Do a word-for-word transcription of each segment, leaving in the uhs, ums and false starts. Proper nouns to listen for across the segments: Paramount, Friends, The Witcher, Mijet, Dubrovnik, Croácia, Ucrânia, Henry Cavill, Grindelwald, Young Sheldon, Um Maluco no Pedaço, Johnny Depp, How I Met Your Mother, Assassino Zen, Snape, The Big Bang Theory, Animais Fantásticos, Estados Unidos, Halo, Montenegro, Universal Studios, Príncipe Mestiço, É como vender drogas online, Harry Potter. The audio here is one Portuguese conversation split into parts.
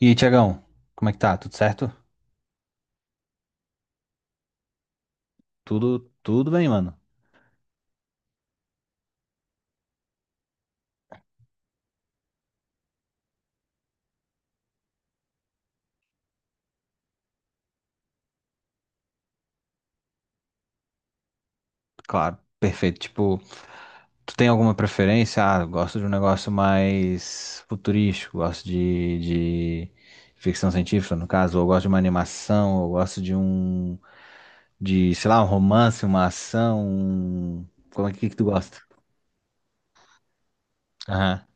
E aí, Tiagão, como é que tá? Tudo certo? Tudo, tudo bem, mano. Claro, perfeito. Tipo, tu tem alguma preferência? Ah, eu gosto de um negócio mais futurístico, gosto de, de ficção científica, no caso, ou eu gosto de uma animação, ou eu gosto de um, de, sei lá, um romance, uma ação, um... Como é que, que tu gosta? Aham.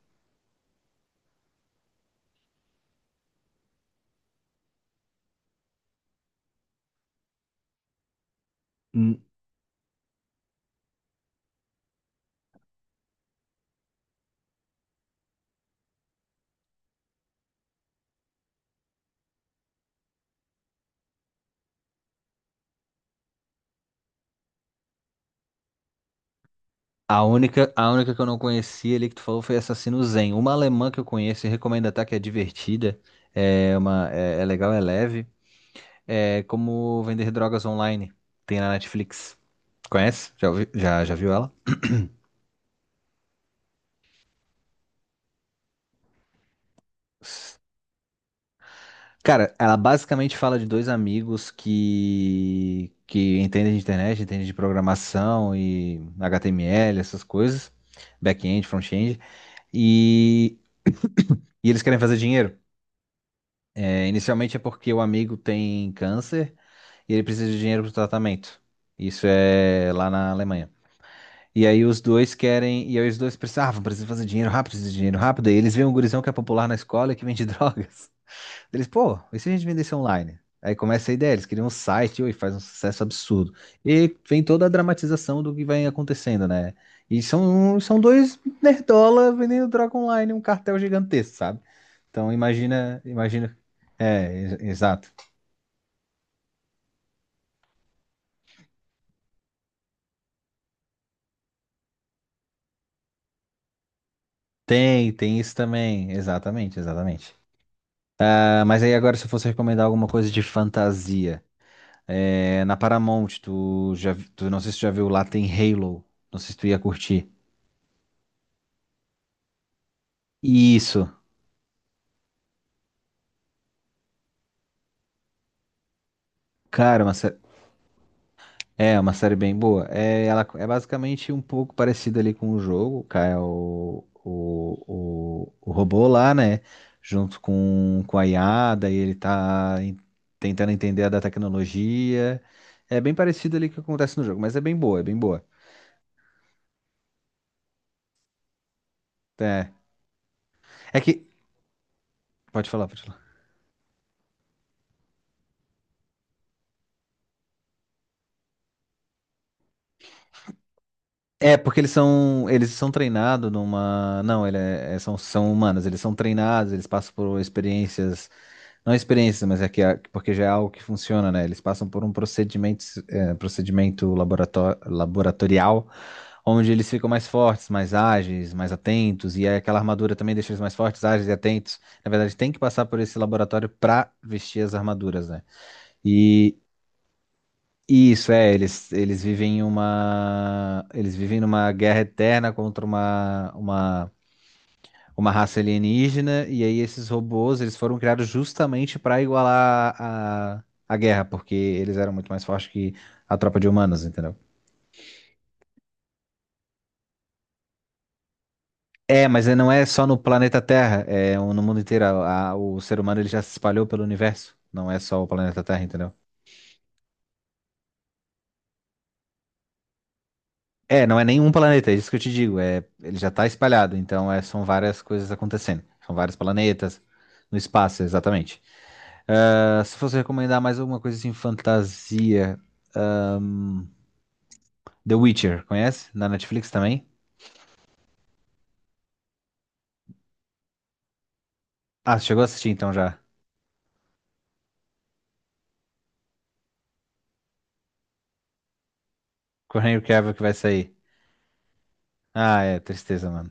Hum. A única, a única que eu não conhecia ali que tu falou foi Assassino Zen. Uma alemã que eu conheço e recomendo, até que é divertida, é uma, é é legal, é leve. É como vender drogas online. Tem na Netflix. Conhece? Já, ouvi- já, já viu ela? Cara, ela basicamente fala de dois amigos que, que entendem de internet, entendem de programação e H T M L, essas coisas, back-end, front-end, e, e eles querem fazer dinheiro. É, inicialmente é porque o amigo tem câncer e ele precisa de dinheiro para o tratamento. Isso é lá na Alemanha. E aí os dois querem, e aí os dois precisavam, precisam fazer dinheiro rápido, precisa de dinheiro rápido. E eles veem um gurizão que é popular na escola e que vende drogas. Eles, pô, e se a gente vendesse online? Aí começa a ideia, eles criam um site e faz um sucesso absurdo. E vem toda a dramatização do que vai acontecendo, né? E são, são dois nerdola vendendo droga online, um cartel gigantesco, sabe? Então, imagina, imagina. É, ex- exato. Tem, tem isso também. Exatamente, exatamente. Ah, mas aí agora, se eu fosse recomendar alguma coisa de fantasia. É, na Paramount, tu já, vi- tu não sei se tu já viu lá, tem Halo. Não sei se tu ia curtir. Isso, cara, uma sé- é uma série bem boa. É, ela é basicamente um pouco parecida ali com o jogo, cara, é o, o, o, o robô lá, né? Junto com, com a I A, daí ele tá en- tentando entender a da tecnologia. É bem parecido ali com o que acontece no jogo, mas é bem boa, é bem boa. É, é que. Pode falar, pode falar. É, porque eles são, eles são treinados numa. Não, ele é- é- são, são humanos, eles são treinados, eles passam por experiências. Não experiências, mas é que, é- porque já é algo que funciona, né? Eles passam por um procedimento, é, procedimento laborato- laboratorial, onde eles ficam mais fortes, mais ágeis, mais atentos, e aí aquela armadura também deixa eles mais fortes, ágeis e atentos. Na verdade, tem que passar por esse laboratório para vestir as armaduras, né? E, isso, é, eles, eles vivem em uma, eles vivem numa guerra eterna contra uma, uma, uma raça alienígena, e aí esses robôs, eles foram criados justamente para igualar a, a guerra, porque eles eram muito mais fortes que a tropa de humanos, entendeu? É, mas não é só no planeta Terra, é no mundo inteiro, a- a- o ser humano ele já se espalhou pelo universo, não é só o planeta Terra, entendeu? É, não é nenhum planeta, é isso que eu te digo. É, ele já está espalhado, então é, são várias coisas acontecendo. São vários planetas no espaço, exatamente. Ah, se fosse recomendar mais alguma coisa assim, fantasia, The Witcher, conhece? Na Netflix também? Ah, chegou a assistir então já. Com o Henry Cavill, que vai sair. Ah, é, tristeza, mano.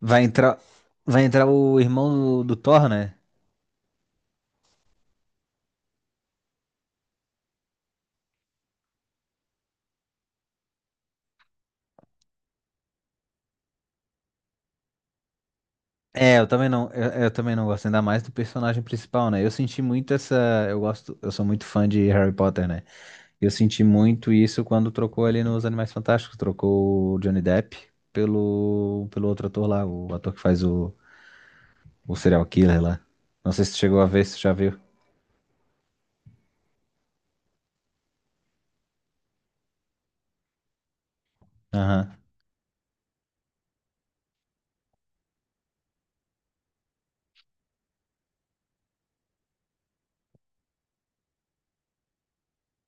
Vai entrar, vai entrar o irmão do, do Thor, né? É, eu também não, eu, eu também não gosto ainda mais do personagem principal, né? Eu senti muito essa, eu gosto, eu sou muito fã de Harry Potter, né? Eu senti muito isso quando trocou ali nos Animais Fantásticos, trocou o Johnny Depp pelo, pelo outro ator lá, o ator que faz o, o serial killer lá. Não sei se tu chegou a ver, se tu já viu. Aham.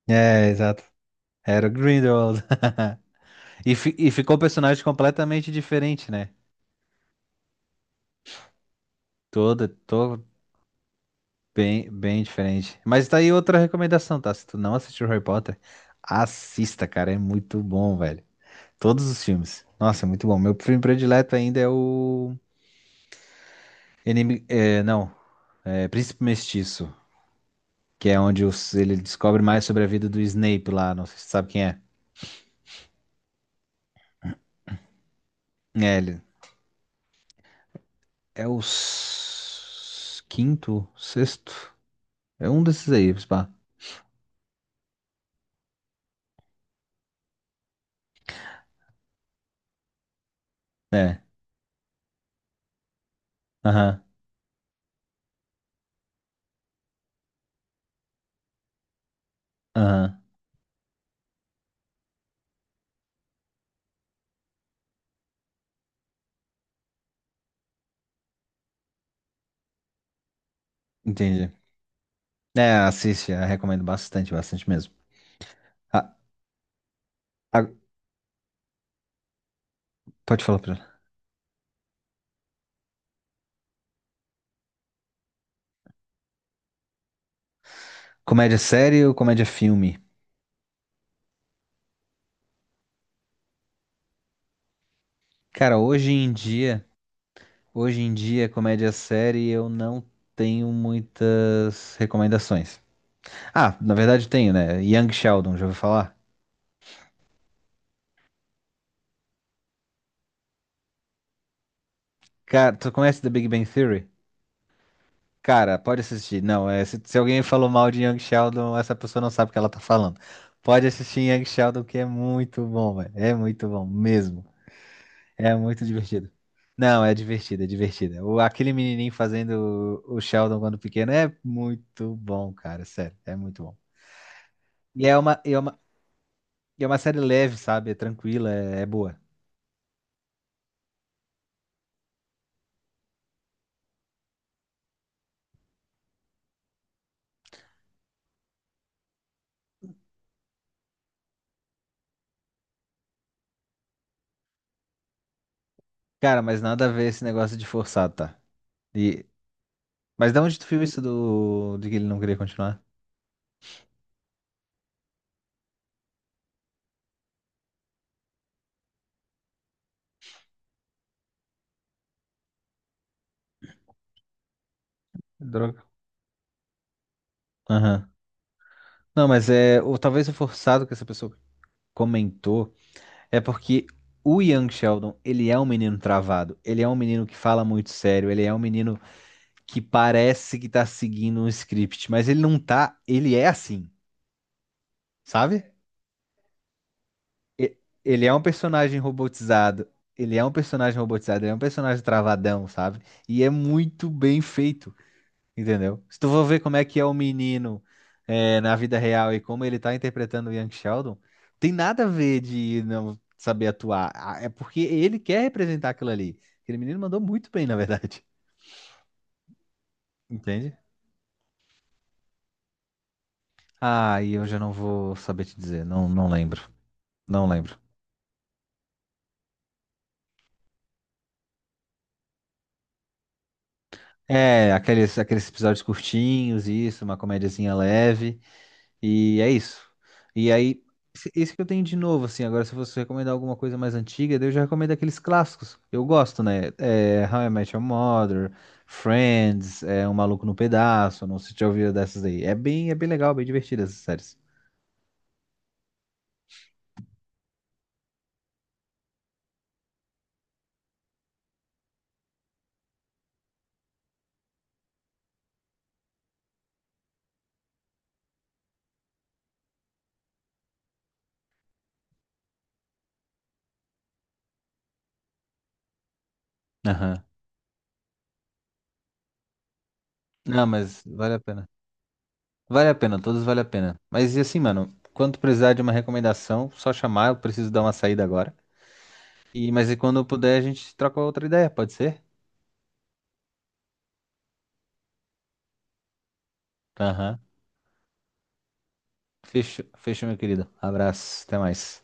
É, exato. Era o Grindelwald. E, fi- e ficou um personagem completamente diferente, né? Toda, tô bem, bem diferente. Mas tá aí outra recomendação, tá? Se tu não assistiu Harry Potter, assista, cara. É muito bom, velho. Todos os filmes. Nossa, é muito bom. Meu filme predileto ainda é o Enemy, é, não, é Príncipe Mestiço, que é onde os- ele descobre mais sobre a vida do Snape lá, não sei se você sabe quem é. É, ele, é o s- quinto, sexto, é um desses aí, pá. É, aham, aham, entendi. É, assiste, eu recomendo bastante, bastante mesmo. Ah, ah, pode falar pra ela. Comédia série ou comédia filme? Cara, hoje em dia, hoje em dia, comédia série eu não tenho muitas recomendações. Ah, na verdade tenho, né? Young Sheldon, já ouviu falar? Cara, tu conhece The Big Bang Theory? Cara, pode assistir. Não, é, se, se alguém falou mal de Young Sheldon, essa pessoa não sabe o que ela tá falando. Pode assistir Young Sheldon, que é muito bom, velho. É muito bom mesmo. É muito divertido. Não, é divertido, é divertido. O, aquele menininho fazendo o, o Sheldon quando pequeno é muito bom, cara. Sério, é muito bom. E é uma, e é uma, e é uma série leve, sabe? É tranquila, é, é boa. Cara, mas nada a ver esse negócio de forçado, tá? E mas da onde tu viu isso do... de que ele não queria continuar? Droga. Aham. Não, mas é. Ou talvez o forçado que essa pessoa comentou é porque o Young Sheldon, ele é um menino travado. Ele é um menino que fala muito sério. Ele é um menino que parece que tá seguindo um script, mas ele não tá. Ele é assim, sabe? E- ele é um personagem robotizado. Ele é um personagem robotizado. Ele é um personagem travadão, sabe? E é muito bem feito. Entendeu? Se tu for ver como é que é o menino é, na vida real e como ele tá interpretando o Young Sheldon, tem nada a ver de não saber atuar. Ah, é porque ele quer representar aquilo ali. Aquele menino mandou muito bem, na verdade. Entende? Ah, e eu já não vou saber te dizer. Não, não lembro. Não lembro. É, aqueles, aqueles episódios curtinhos, isso, uma comédiazinha leve. E é isso. E aí, esse- isso que eu tenho de novo, assim. Agora, se você recomendar alguma coisa mais antiga, daí eu já recomendo aqueles clássicos. Eu gosto, né? É, How I Met Your Mother, Friends, é, Um Maluco no Pedaço. Não sei se já ouviu dessas aí. É bem, é bem legal, bem divertido essas séries. Aham. Não, mas vale a pena. Vale a pena, todos vale a pena. Mas e assim, mano, quando precisar de uma recomendação, só chamar, eu preciso dar uma saída agora. E, mas e quando eu puder, a gente troca outra ideia, pode ser? Aham. Fechou, fechou, meu querido. Abraço, até mais.